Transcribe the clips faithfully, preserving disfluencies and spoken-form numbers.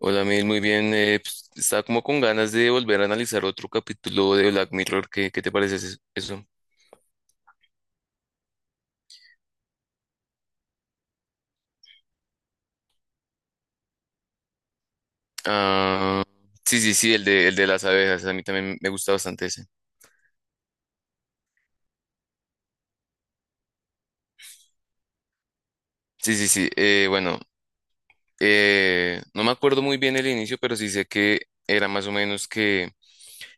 Hola, Mil, muy bien. Eh, pues, estaba como con ganas de volver a analizar otro capítulo de Black Mirror. ¿Qué, qué te parece ese- eso? Ah, sí, sí, sí, el de, el de las abejas. A mí también me gusta bastante ese. Sí, sí, sí. eh, bueno, eh, no me acuerdo muy bien el inicio, pero sí sé que era más o menos que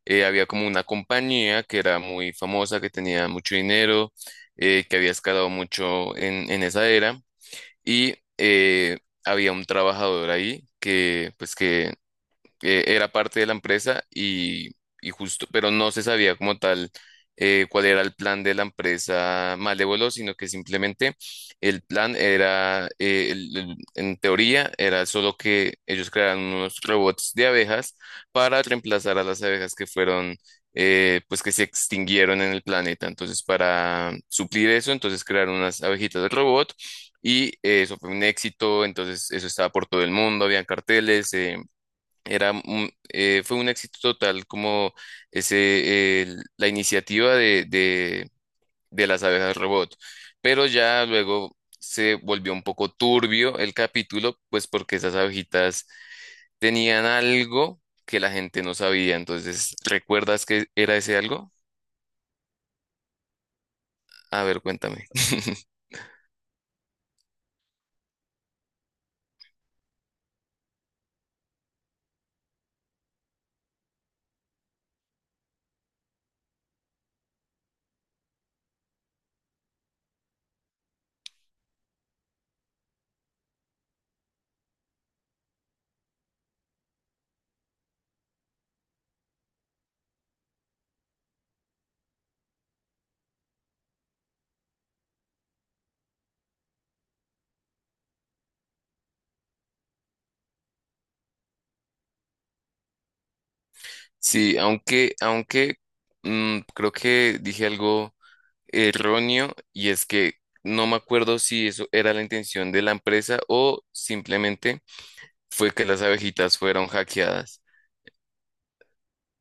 eh, había como una compañía que era muy famosa, que tenía mucho dinero, eh, que había escalado mucho en, en esa era y, eh, había un trabajador ahí que, pues que eh, era parte de la empresa y, y justo, pero no se sabía como tal eh, cuál era el plan de la empresa Malévolo, sino que simplemente el plan era, eh, el- el- en teoría, era solo que ellos crearan unos robots de abejas para reemplazar a las abejas que fueron, eh, pues que se extinguieron en el planeta. Entonces, para suplir eso, entonces crearon unas abejitas de robot. Y eh, eso fue un éxito, entonces eso estaba por todo el mundo, habían carteles, eh, era un- eh, fue un éxito total como ese, eh, la iniciativa de, de, de las abejas robot. Pero ya luego se volvió un poco turbio el capítulo, pues porque esas abejitas tenían algo que la gente no sabía. Entonces, ¿recuerdas que era ese algo? A ver, cuéntame. Sí, aunque, aunque mm, creo que dije algo erróneo, y es que no me acuerdo si eso era la intención de la empresa o simplemente fue que las abejitas fueron hackeadas.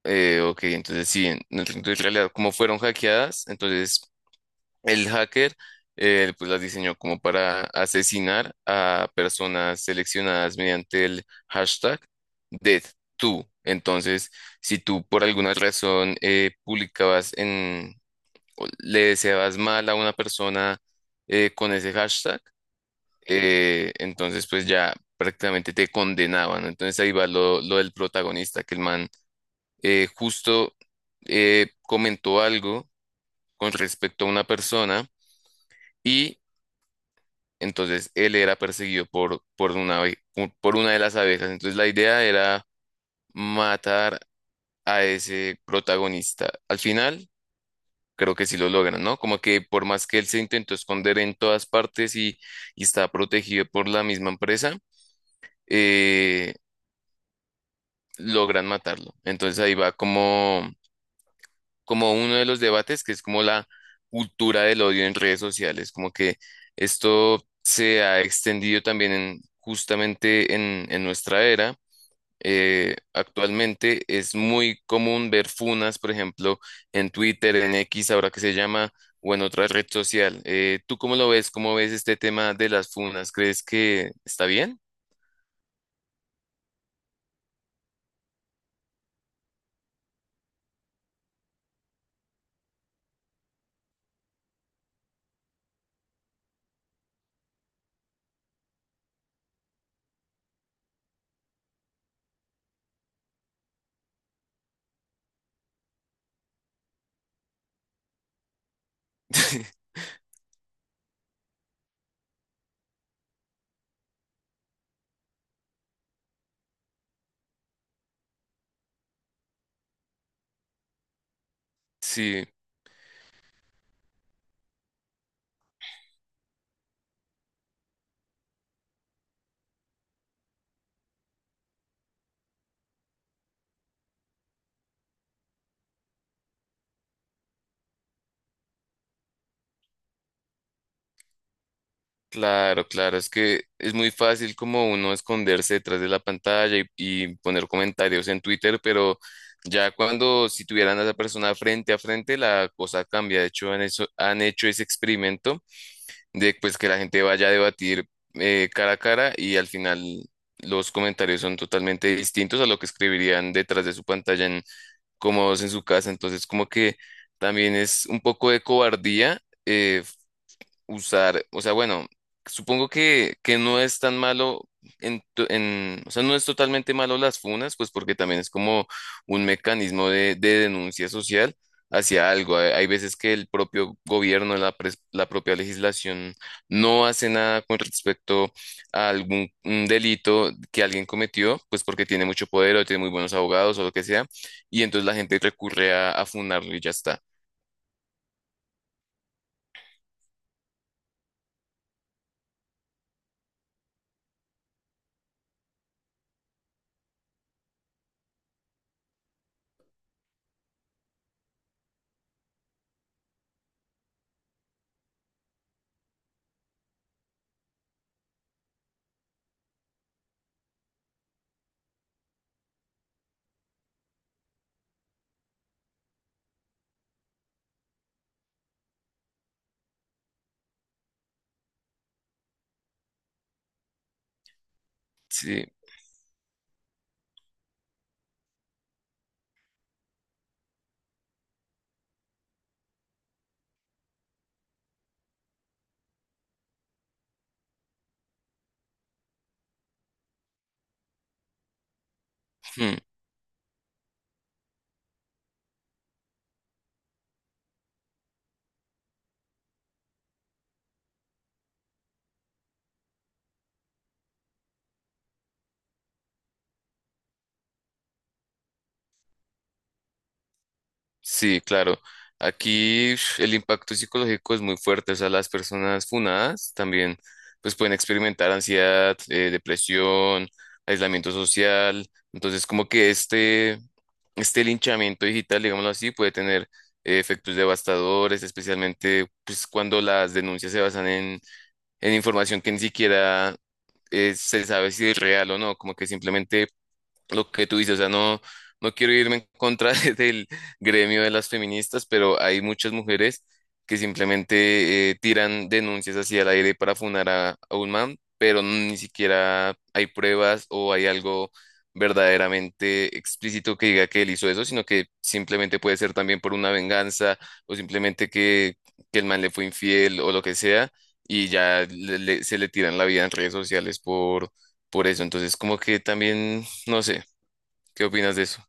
Eh, ok, entonces sí, en, entonces, en realidad como fueron hackeadas, entonces el hacker eh, pues las diseñó como para asesinar a personas seleccionadas mediante el hashtag DeathTo. Entonces, si tú por alguna razón eh, publicabas en o le deseabas mal a una persona eh, con ese hashtag, eh, entonces pues ya prácticamente te condenaban, ¿no? Entonces ahí va lo, lo del protagonista, que el man eh, justo eh, comentó algo con respecto a una persona y entonces él era perseguido por, por una, abe- por una de las abejas. Entonces la idea era matar a ese protagonista. Al final creo que sí lo logran, ¿no? Como que por más que él se intentó esconder en todas partes y, y está protegido por la misma empresa, eh, logran matarlo. Entonces ahí va como, como uno de los debates que es como la cultura del odio en redes sociales, como que esto se ha extendido también en- justamente en, en nuestra era. Eh, actualmente es muy común ver funas, por ejemplo, en Twitter, en X, ahora que se llama, o en otra red social. Eh, ¿tú cómo lo ves? ¿Cómo ves este tema de las funas? ¿Crees que está bien? Sí. Claro, claro, es que es muy fácil como uno esconderse detrás de la pantalla y, y poner comentarios en Twitter, pero ya cuando si tuvieran a esa persona frente a frente, la cosa cambia. De hecho, han, eso- han hecho ese experimento de pues, que la gente vaya a debatir eh, cara a cara y al final los comentarios son totalmente distintos a lo que escribirían detrás de su pantalla, en cómodos en su casa. Entonces, como que también es un poco de cobardía. eh, Usar, o sea, bueno, supongo que, que no es tan malo en, to- en- o sea, no es totalmente malo las funas, pues porque también es como un mecanismo de, de denuncia social hacia algo. Hay, hay veces que el propio gobierno, la, pres- la propia legislación no hace nada con respecto a algún mm, delito que alguien cometió, pues porque tiene mucho poder o tiene muy buenos abogados o lo que sea, y entonces la gente recurre a, a funarlo y ya está. Sí. Hmm. Sí, claro. Aquí ush, el impacto psicológico es muy fuerte. O sea, las personas funadas también pues pueden experimentar ansiedad, eh, depresión, aislamiento social. Entonces, como que este, este linchamiento digital, digámoslo así, puede tener eh, efectos devastadores, especialmente pues cuando las denuncias se basan en, en información que ni siquiera eh, se sabe si es real o no, como que simplemente lo que tú dices, o sea, no, no quiero irme en contra del gremio de las feministas, pero hay muchas mujeres que simplemente eh, tiran denuncias hacia el aire para funar a, a un man, pero ni siquiera hay pruebas o hay algo verdaderamente explícito que diga que él hizo eso, sino que simplemente puede ser también por una venganza o simplemente que, que el man le fue infiel o lo que sea, y ya le- le- se le tiran la vida en redes sociales por, por eso. Entonces, como que también... no sé, ¿qué opinas de eso?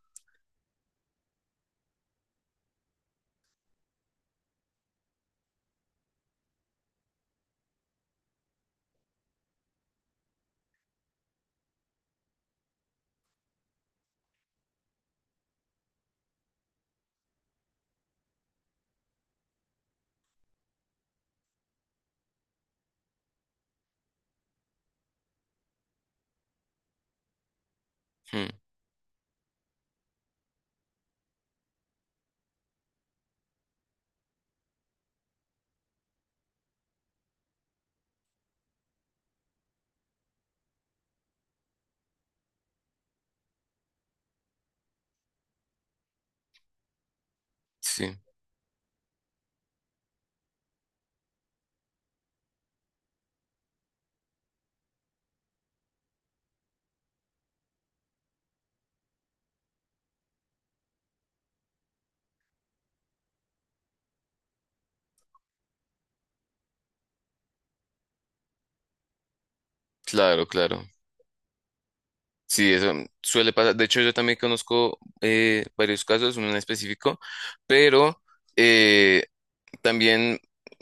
Mm, sí, claro, claro. Sí, eso suele pasar. De hecho, yo también conozco eh, varios casos, uno en específico, pero eh, también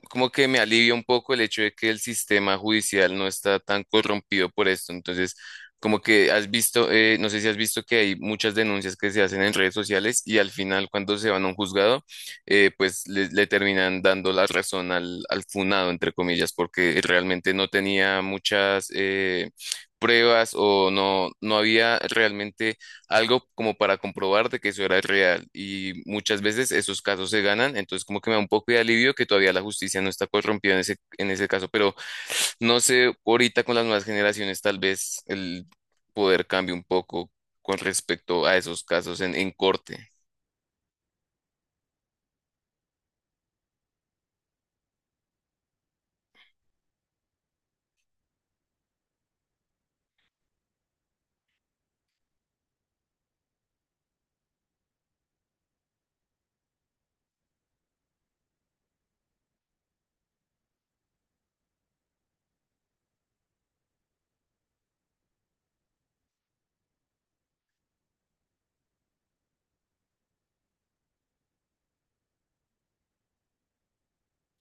como que me alivia un poco el hecho de que el sistema judicial no está tan corrompido por esto. Entonces, como que has visto, eh, no sé si has visto que hay muchas denuncias que se hacen en redes sociales y al final cuando se van a un juzgado, eh, pues le, le terminan dando la razón al, al funado, entre comillas, porque realmente no tenía muchas eh, pruebas o no, no había realmente algo como para comprobar de que eso era real. Y muchas veces esos casos se ganan, entonces como que me da un poco de alivio que todavía la justicia no está corrompida en ese, en ese caso, pero no sé, ahorita con las nuevas generaciones tal vez el poder cambie un poco con respecto a esos casos en, en corte.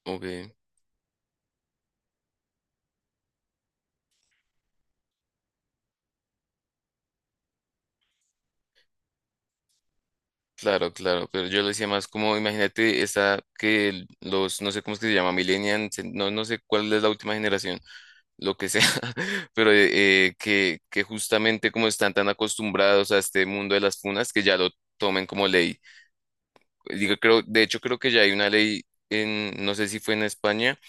Ok, claro, claro, pero yo lo decía más como, imagínate esa que el- los, no sé cómo es que se llama, millennials, no, no sé cuál es la última generación, lo que sea, pero eh, que, que justamente como están tan acostumbrados a este mundo de las funas, que ya lo tomen como ley. Digo, creo, de hecho, creo que ya hay una ley en, no sé si fue en España,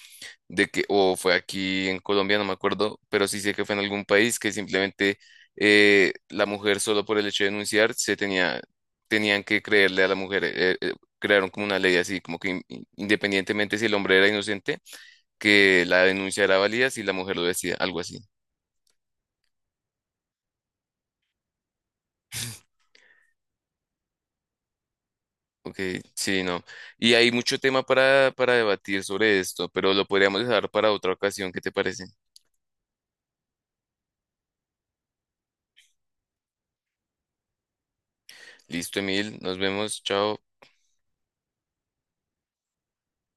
de que, o fue aquí en Colombia, no me acuerdo, pero sí sé que fue en algún país que simplemente eh, la mujer solo por el hecho de denunciar se tenía, tenían que creerle a la mujer. Eh, eh, crearon como una ley así, como que in- independientemente si el hombre era inocente, que la denuncia era válida si la mujer lo decía, algo así. Ok, sí, no. Y hay mucho tema para, para debatir sobre esto, pero lo podríamos dejar para otra ocasión. ¿Qué te parece? Listo, Emil. Nos vemos. Chao.